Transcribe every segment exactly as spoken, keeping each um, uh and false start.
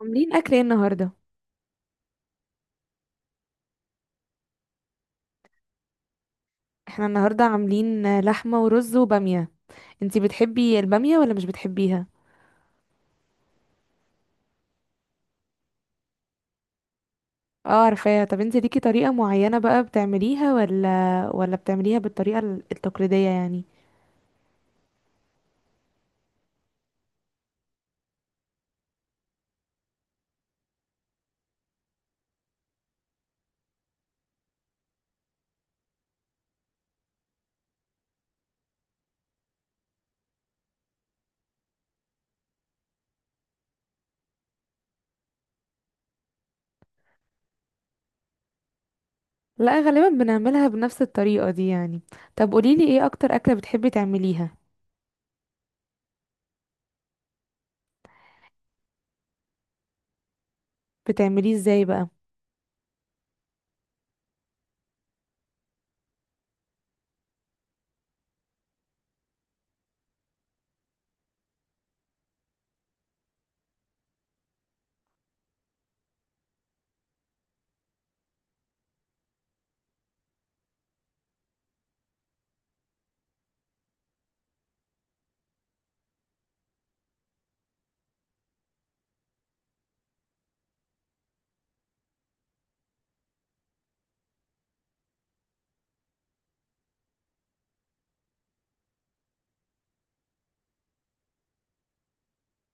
عاملين اكل ايه النهارده؟ احنا النهارده عاملين لحمه ورز وباميه. انتي بتحبي الباميه ولا مش بتحبيها؟ اه عارفاها. طب انتي ليكي طريقه معينه بقى بتعمليها ولا ولا بتعمليها بالطريقه ال- التقليديه يعني؟ لا غالبا بنعملها بنفس الطريقه دي يعني. طب قوليلي ايه اكتر اكله بتحبي تعمليها؟ بتعمليه ازاي بقى؟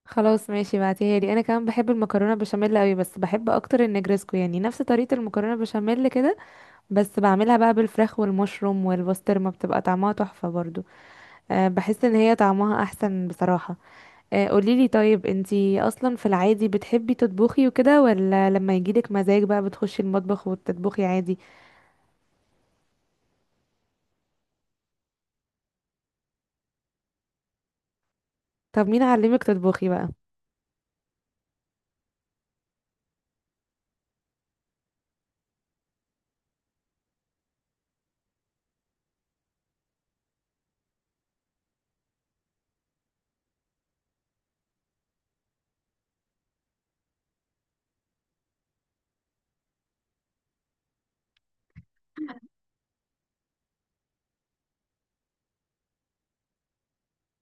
خلاص ماشي، بعتيها لي. انا كمان بحب المكرونه بشاميل قوي، بس بحب اكتر النجرسكو، يعني نفس طريقه المكرونه بشاميل كده، بس بعملها بقى بالفراخ والمشروم والبسطرمة، بتبقى طعمها تحفة برضو. أه بحس ان هي طعمها احسن بصراحة. أه قوليلي، طيب انتي اصلا في العادي بتحبي تطبخي وكده ولا لما يجيلك مزاج بقى بتخشي المطبخ وتطبخي عادي؟ طب مين علمك تطبخي بقى؟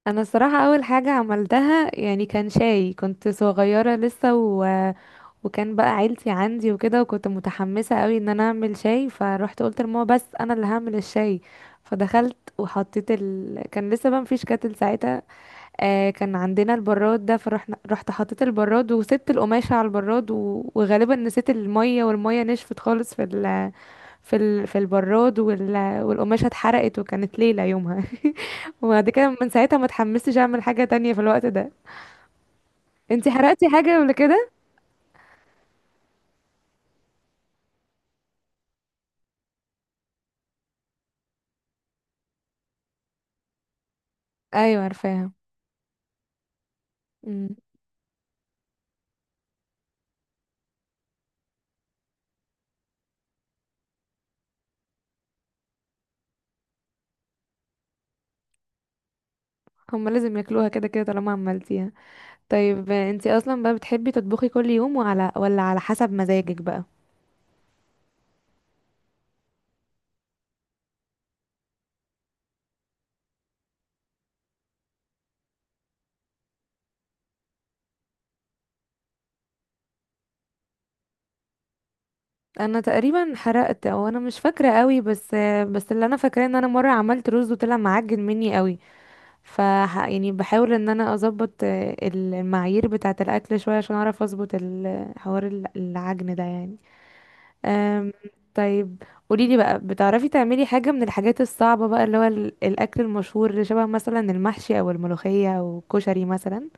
انا الصراحة اول حاجة عملتها يعني كان شاي، كنت صغيرة لسه، وكان بقى عيلتي عندي وكده، وكنت متحمسة قوي ان انا اعمل شاي، فروحت قلت لماما بس انا اللي هعمل الشاي. فدخلت وحطيت ال... كان لسه بقى مفيش كاتل ساعتها. آه كان عندنا البراد ده، فرحنا رحت حطيت البراد وسبت القماشة على البراد و... وغالبا نسيت المية، والمية نشفت خالص في ال... في ال... في البراد وال... والقماشة اتحرقت، وكانت ليلة يومها. وبعد كده من ساعتها ما اتحمستش اعمل حاجة تانية في الوقت ده. انتي حرقتي حاجة ولا كده؟ ايوه عارفاها. إمم. هما لازم ياكلوها كده كده طالما عملتيها. طيب انتي اصلا بقى بتحبي تطبخي كل يوم وعلى ولا على حسب مزاجك بقى؟ انا تقريبا حرقت، او انا مش فاكره قوي، بس بس اللي انا فاكراه ان انا مره عملت رز وطلع معجن مني قوي. ف، يعني بحاول ان انا اظبط ال- المعايير بتاعه الاكل شويه عشان اعرف اظبط ال- حوار ال- العجن ده يعني. أم، طيب قوليلي بقى، بتعرفي تعملي حاجة من الحاجات الصعبة بقى اللي هو ال- الأكل المشهور اللي شبه مثلا المحشي أو الملوخية أو الكشري مثلا؟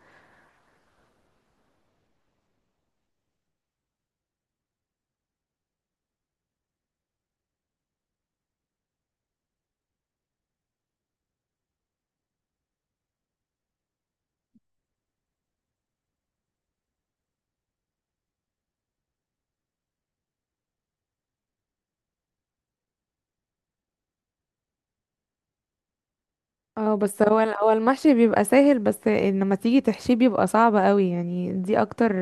اه بس هو ال- هو المحشي بيبقى سهل، بس لما تيجي تحشيه بيبقى صعب قوي يعني. دي أكتر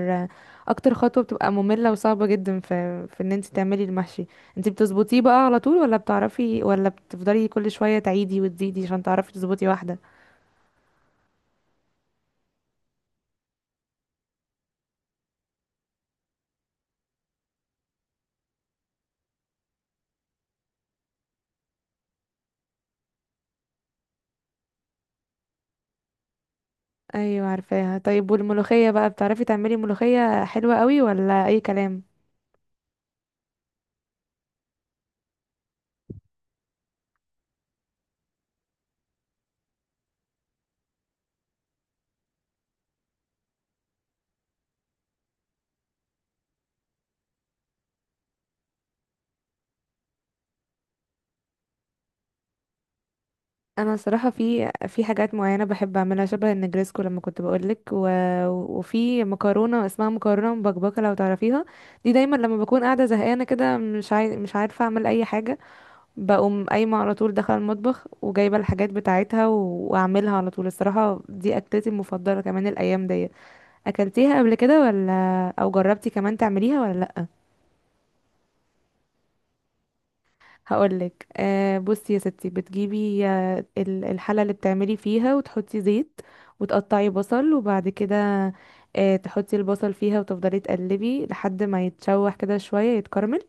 أكتر خطوة بتبقى مملة وصعبة جدا في في إن انت تعملي المحشي. انت بتظبطيه بقى على طول ولا بتعرفي، ولا بتفضلي كل شوية تعيدي وتزيدي عشان تعرفي تظبطي واحدة؟ ايوه عارفاها. طيب والملوخية بقى، بتعرفي تعملي ملوخية حلوة قوي ولا اي كلام؟ انا صراحه في في حاجات معينه بحب اعملها شبه النجريسكو لما كنت بقولك، و... وفي مكرونه اسمها مكرونه مبكبكه لو تعرفيها. دي دايما لما بكون قاعده زهقانه كده، مش عاي... مش عارفه اعمل اي حاجه، بقوم قايمه على طول داخله المطبخ وجايبه الحاجات بتاعتها و... واعملها على طول. الصراحه دي اكلتي المفضله كمان الايام دي. اكلتيها قبل كده ولا؟ او جربتي كمان تعمليها ولا لأ؟ هقولك، آه بصي يا ستي، بتجيبي آه، ال- الحلة اللي بتعملي فيها وتحطي زيت، وتقطعي بصل، وبعد كده آه تحطي البصل فيها وتفضلي تقلبي لحد ما يتشوح كده شوية يتكرمل.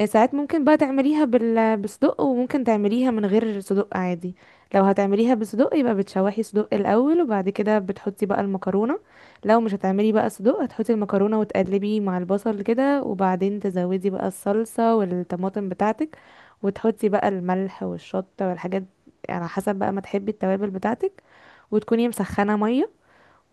آه، ساعات ممكن بقى تعمليها بال... بالصدق، وممكن تعمليها من غير صدق عادي. لو هتعمليها بالصدق يبقى بتشوحي صدق الاول وبعد كده بتحطي بقى المكرونه. لو مش هتعملي بقى صدق، هتحطي المكرونه وتقلبي مع البصل كده، وبعدين تزودي بقى الصلصه والطماطم بتاعتك، وتحطي بقى الملح والشطه والحاجات على حسب بقى ما تحبي التوابل بتاعتك. وتكوني مسخنه ميه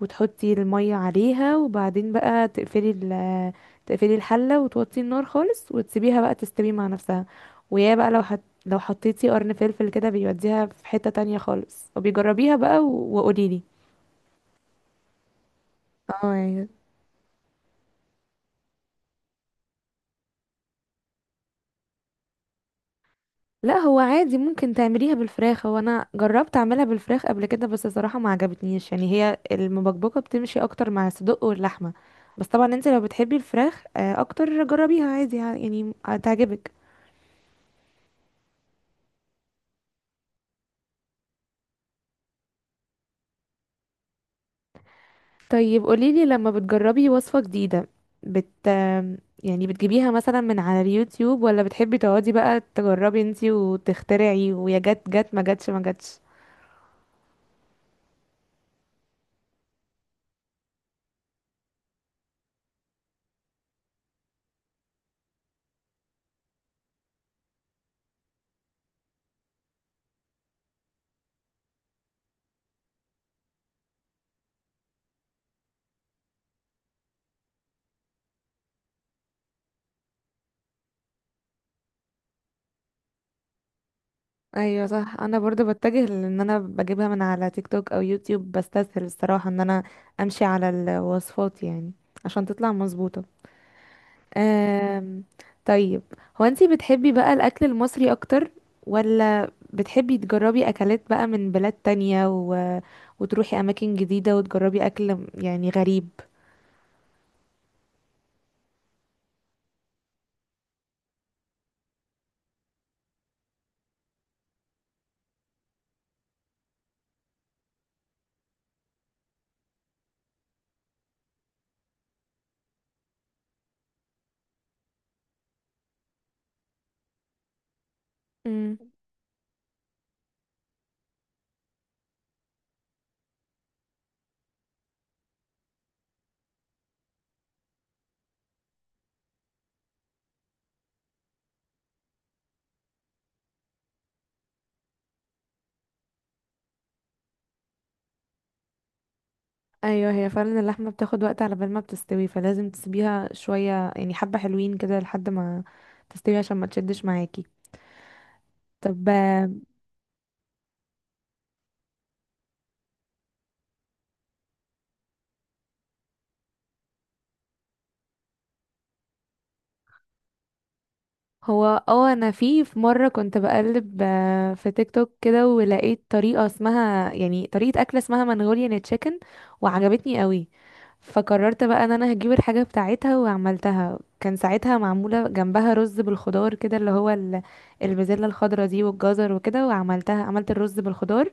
وتحطي المية عليها، وبعدين بقى تقفلي ال تقفلي الحلة وتوطي النار خالص وتسيبيها بقى تستوي مع نفسها. ويا بقى لو حت... لو حطيتي قرن فلفل كده بيوديها في حتة تانية خالص، وبيجربيها بقى و... وقوليلي. اه يعني، لا هو عادي ممكن تعمليها بالفراخ. هو انا جربت اعملها بالفراخ قبل كده بس صراحة ما عجبتنيش، يعني هي المبكبكة بتمشي اكتر مع الصدق واللحمة. بس طبعا انت لو بتحبي الفراخ آه، اكتر، جربيها عادي يعني هتعجبك. طيب قوليلي لما بتجربي وصفة جديدة، بت يعني بتجيبيها مثلا من على اليوتيوب، ولا بتحبي تقعدي بقى تجربي انتي وتخترعي ويا جت جت ما جتش ما جتش؟ ايوه صح. انا برضو بتجه، لان انا بجيبها من على تيك توك او يوتيوب، بستسهل الصراحة ان انا امشي على الوصفات يعني عشان تطلع مظبوطة. أم... طيب، هو انتي بتحبي بقى الاكل المصري اكتر، ولا بتحبي تجربي اكلات بقى من بلاد تانية وتروحي اماكن جديده وتجربي اكل يعني غريب؟ امم. ايوه هي فعلا اللحمه بتاخد وقت على بال ما بتستوي، فلازم تسيبيها شويه يعني حبه حلوين كده لحد ما تستوي عشان ما تشدش معاكي. طب هو، اه انا في في مره كنت بقلب آه، في تيك توك كده ولقيت طريقه اسمها يعني طريقه اكله اسمها منغوليان تشيكن، وعجبتني قوي. فقررت بقى ان انا هجيب الحاجه بتاعتها وعملتها. كان ساعتها معموله جنبها رز بالخضار كده اللي هو ال- البازلاء الخضراء دي والجزر وكده، وعملتها، عملت الرز بالخضار.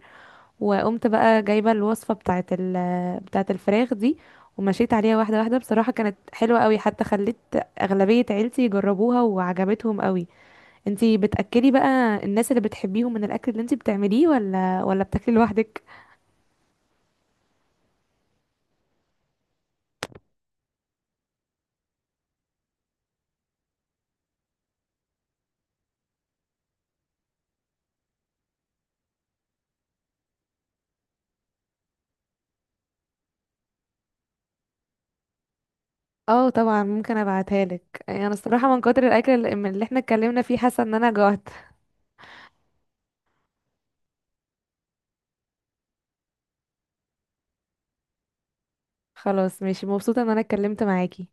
وقمت بقى جايبه الوصفه بتاعه ال بتاعه الفراخ دي ومشيت عليها واحده واحده. بصراحه كانت حلوه قوي، حتى خليت اغلبيه عيلتي يجربوها وعجبتهم قوي. انتي بتأكلي بقى الناس اللي بتحبيهم من الاكل اللي انتي بتعمليه ولا ولا بتاكلي لوحدك؟ اه طبعا ممكن ابعتها لك. يعني انا الصراحه من كتر الاكل اللي اللي احنا اتكلمنا فيه، حاسه ان انا جوعت. خلاص ماشي، مبسوطه ان انا اتكلمت معاكي.